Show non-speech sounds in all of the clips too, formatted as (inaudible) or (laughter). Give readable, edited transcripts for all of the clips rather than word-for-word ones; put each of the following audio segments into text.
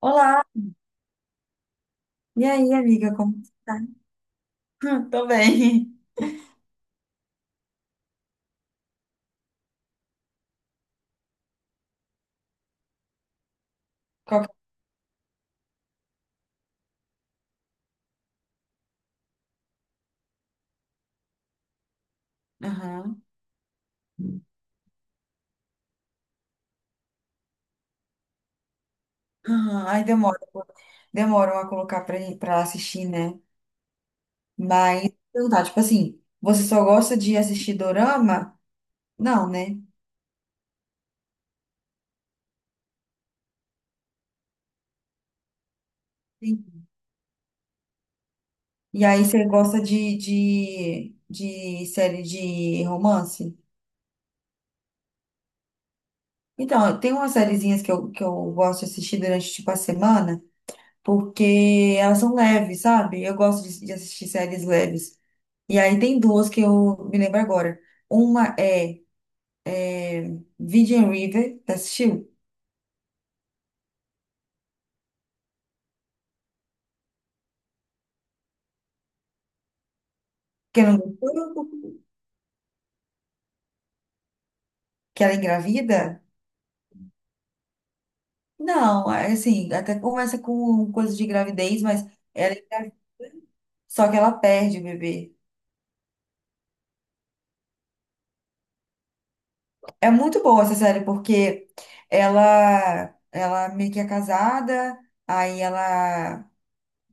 Olá! E aí, amiga, como você tá? Tô bem. (laughs) Qual que- Aham. Aham. Aí demora, pô. Demoram a colocar pra assistir, né? Mas, perguntar, tipo assim, você só gosta de assistir dorama? Não, né? Sim. E aí você gosta de série de romance? Então, tem umas sériezinhas que eu gosto de assistir durante, tipo, a semana, porque elas são leves, sabe? Eu gosto de assistir séries leves. E aí tem duas que eu me lembro agora. Uma é Virgin River, tá assistiu? Que ela, que ela é engravida? Não, é assim, até começa com coisas de gravidez, mas ela é engra- só que ela perde o bebê. É muito boa essa série, porque ela meio que é casada, aí ela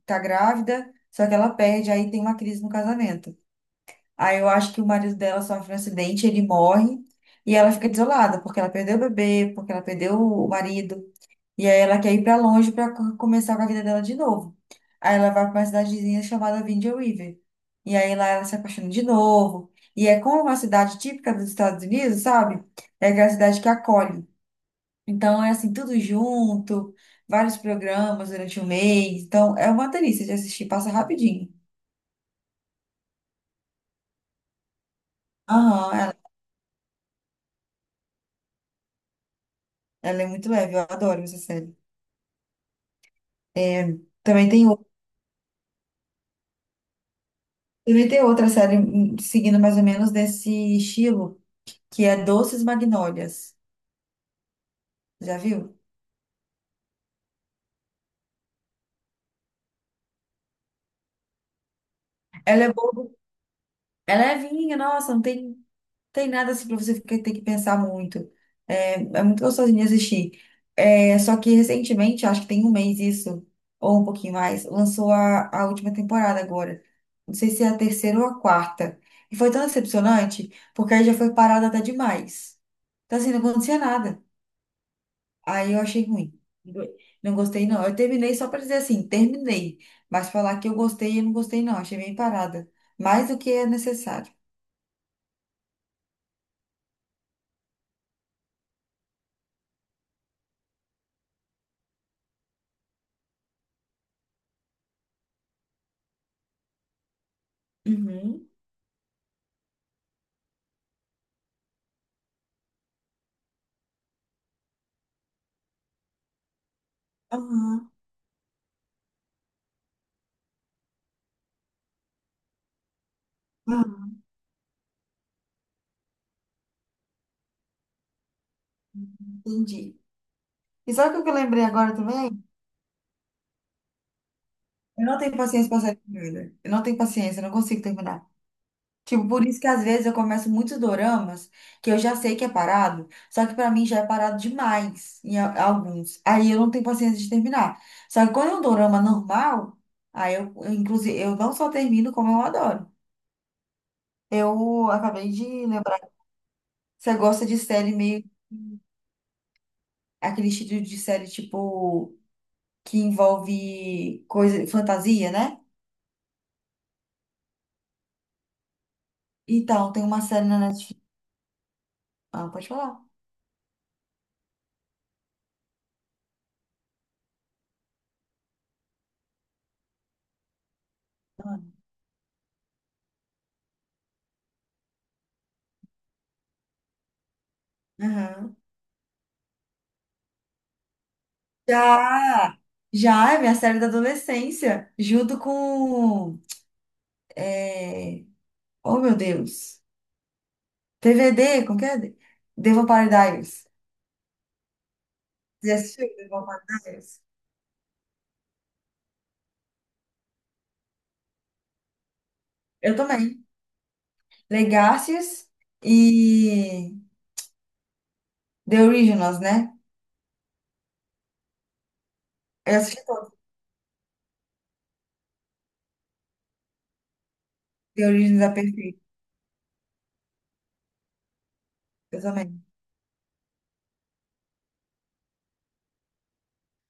tá grávida, só que ela perde, aí tem uma crise no casamento. Aí eu acho que o marido dela sofre um acidente, ele morre e ela fica desolada, porque ela perdeu o bebê, porque ela perdeu o marido. E aí ela quer ir pra longe pra começar com a vida dela de novo. Aí ela vai pra uma cidadezinha chamada Vindia River. E aí lá ela se apaixona de novo. E é como uma cidade típica dos Estados Unidos, sabe? É aquela cidade que acolhe. Então é assim, tudo junto, vários programas durante o mês. Então é uma delícia de assistir, passa rapidinho. Aham, ela é muito leve, eu adoro essa série. Também tem, também tem outra série seguindo mais ou menos desse estilo, que é Doces Magnólias. Já viu? Ela é boba, ela é levinha, nossa, não tem, tem nada assim pra você ter que pensar muito. É, é muito gostosinho de assistir. É, só que recentemente, acho que tem um mês isso, ou um pouquinho mais, lançou a última temporada agora. Não sei se é a terceira ou a quarta. E foi tão decepcionante, porque aí já foi parada até demais. Então, assim, não acontecia nada. Aí eu achei ruim. Não gostei, não. Eu terminei só para dizer assim, terminei. Mas falar que eu gostei, eu não gostei, não. Achei bem parada. Mais do que é necessário. Uhum. Aham. Aham. Entendi. E sabe o que eu lembrei agora também? Eu não tenho paciência para série de coisa. Eu não tenho paciência, eu não consigo terminar. Tipo, por isso que às vezes eu começo muitos doramas que eu já sei que é parado, só que pra mim já é parado demais em alguns. Aí eu não tenho paciência de terminar. Só que quando é um dorama normal, aí eu, inclusive, eu não só termino como eu adoro. Eu acabei de lembrar. Você gosta de série meio aquele estilo de série tipo que envolve coisa, fantasia, né? Então, tem uma série na Netflix. Ah, pode falar. Aham. Já, já é minha série da adolescência, junto com, é, oh meu Deus, TVD, como que é? The Vampire Diaries. Você assistiu The Vampire Diaries? Eu também. Legacies e The Originals, né? Eu assisti todos. The Originals é perfeito, eu também.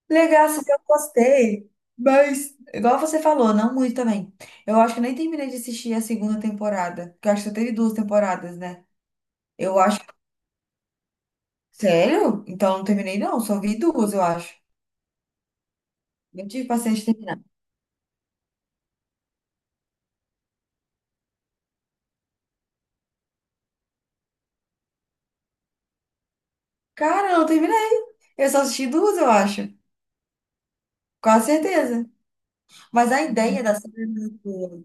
Legacies eu gostei, mas, igual você falou, não muito também. Eu acho que nem terminei de assistir a segunda temporada, porque eu acho que só teve duas temporadas, né? Eu acho. Sério? Então eu não terminei, não. Só vi duas, eu acho. Nem tive paciência de terminar. Cara, eu não terminei. Eu só assisti duas, eu acho. Com certeza. Mas a ideia da série era muito boa.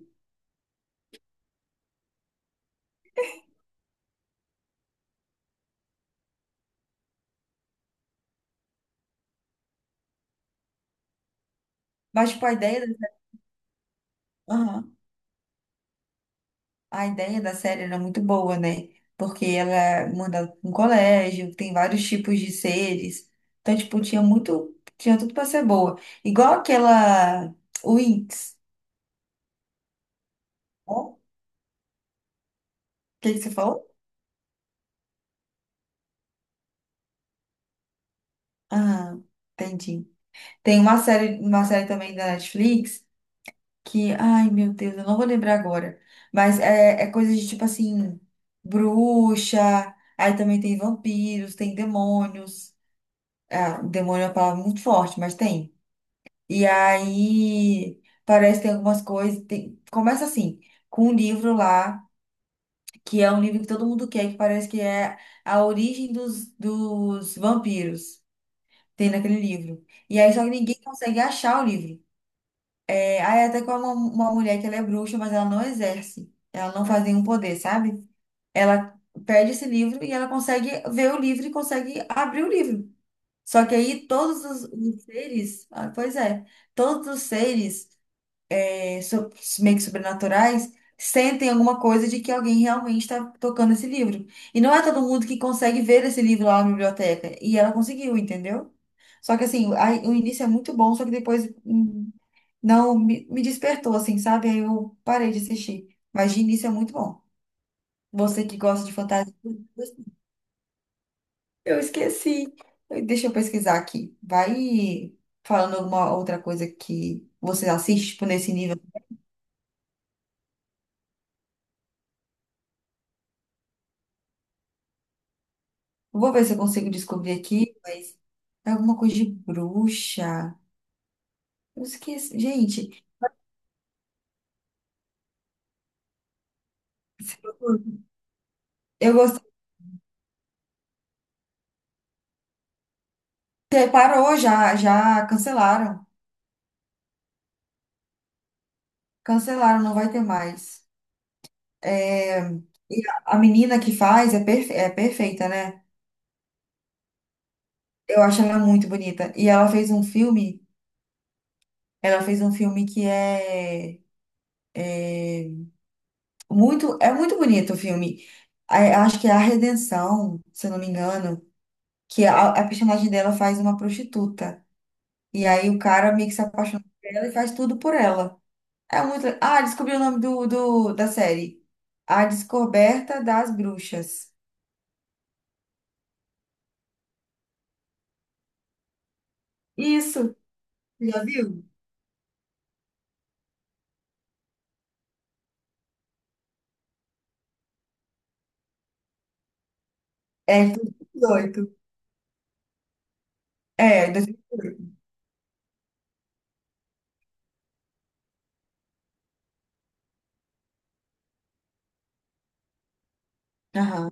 Mas, tipo, a ideia da... Aham. A ideia da série era muito boa, né? Porque ela manda pra um colégio, tem vários tipos de seres. Então, tipo, tinha muito... Tinha tudo pra ser boa. Igual aquela... Winx. O que que você falou? Ah, entendi. Tem uma série também da Netflix que, ai meu Deus, eu não vou lembrar agora, mas é, é coisa de tipo assim, bruxa, aí também tem vampiros, tem demônios, ah, demônio é uma palavra muito forte, mas tem. E aí parece que tem algumas coisas, começa assim, com um livro lá, que é um livro que todo mundo quer, que parece que é a origem dos vampiros, tem naquele livro. E aí só que ninguém consegue achar o livro. É, aí até com uma, mulher que ela é bruxa, mas ela não exerce. Ela não faz nenhum poder, sabe? Ela perde esse livro e ela consegue ver o livro e consegue abrir o livro. Só que aí todos os seres, ah, pois é, todos os seres meio que sobrenaturais sentem alguma coisa de que alguém realmente está tocando esse livro. E não é todo mundo que consegue ver esse livro lá na biblioteca. E ela conseguiu, entendeu? Só que assim, o início é muito bom, só que depois. Não, me despertou, assim, sabe? Aí eu parei de assistir. Mas de início é muito bom. Você que gosta de fantasia. Eu esqueci. Deixa eu pesquisar aqui. Vai falando alguma outra coisa que você assiste, tipo, nesse nível. Vou ver se eu consigo descobrir aqui, mas é alguma coisa de bruxa. Eu esqueci. Gente, eu gostei. Parou já, já cancelaram. Cancelaram, não vai ter mais. É, e a menina que faz é, é perfeita, né? Eu acho ela muito bonita. E ela fez um filme, ela fez um filme que é, é é muito bonito o filme. Acho que é A Redenção, se eu não me engano, que a, personagem dela faz uma prostituta. E aí o cara meio que se apaixona por ela e faz tudo por ela. É muito. Ah, descobri o nome do, da série. A Descoberta das Bruxas. Isso, já viu? É, 18. É, 2018. Aham.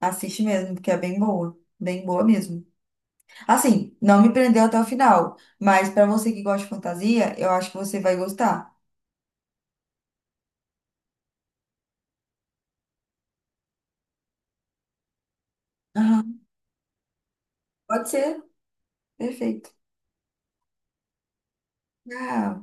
Assiste mesmo, porque é bem boa. Bem boa mesmo. Assim, não me prendeu até o final, mas pra você que gosta de fantasia, eu acho que você vai gostar. Aham. Pode ser. Perfeito. Ah,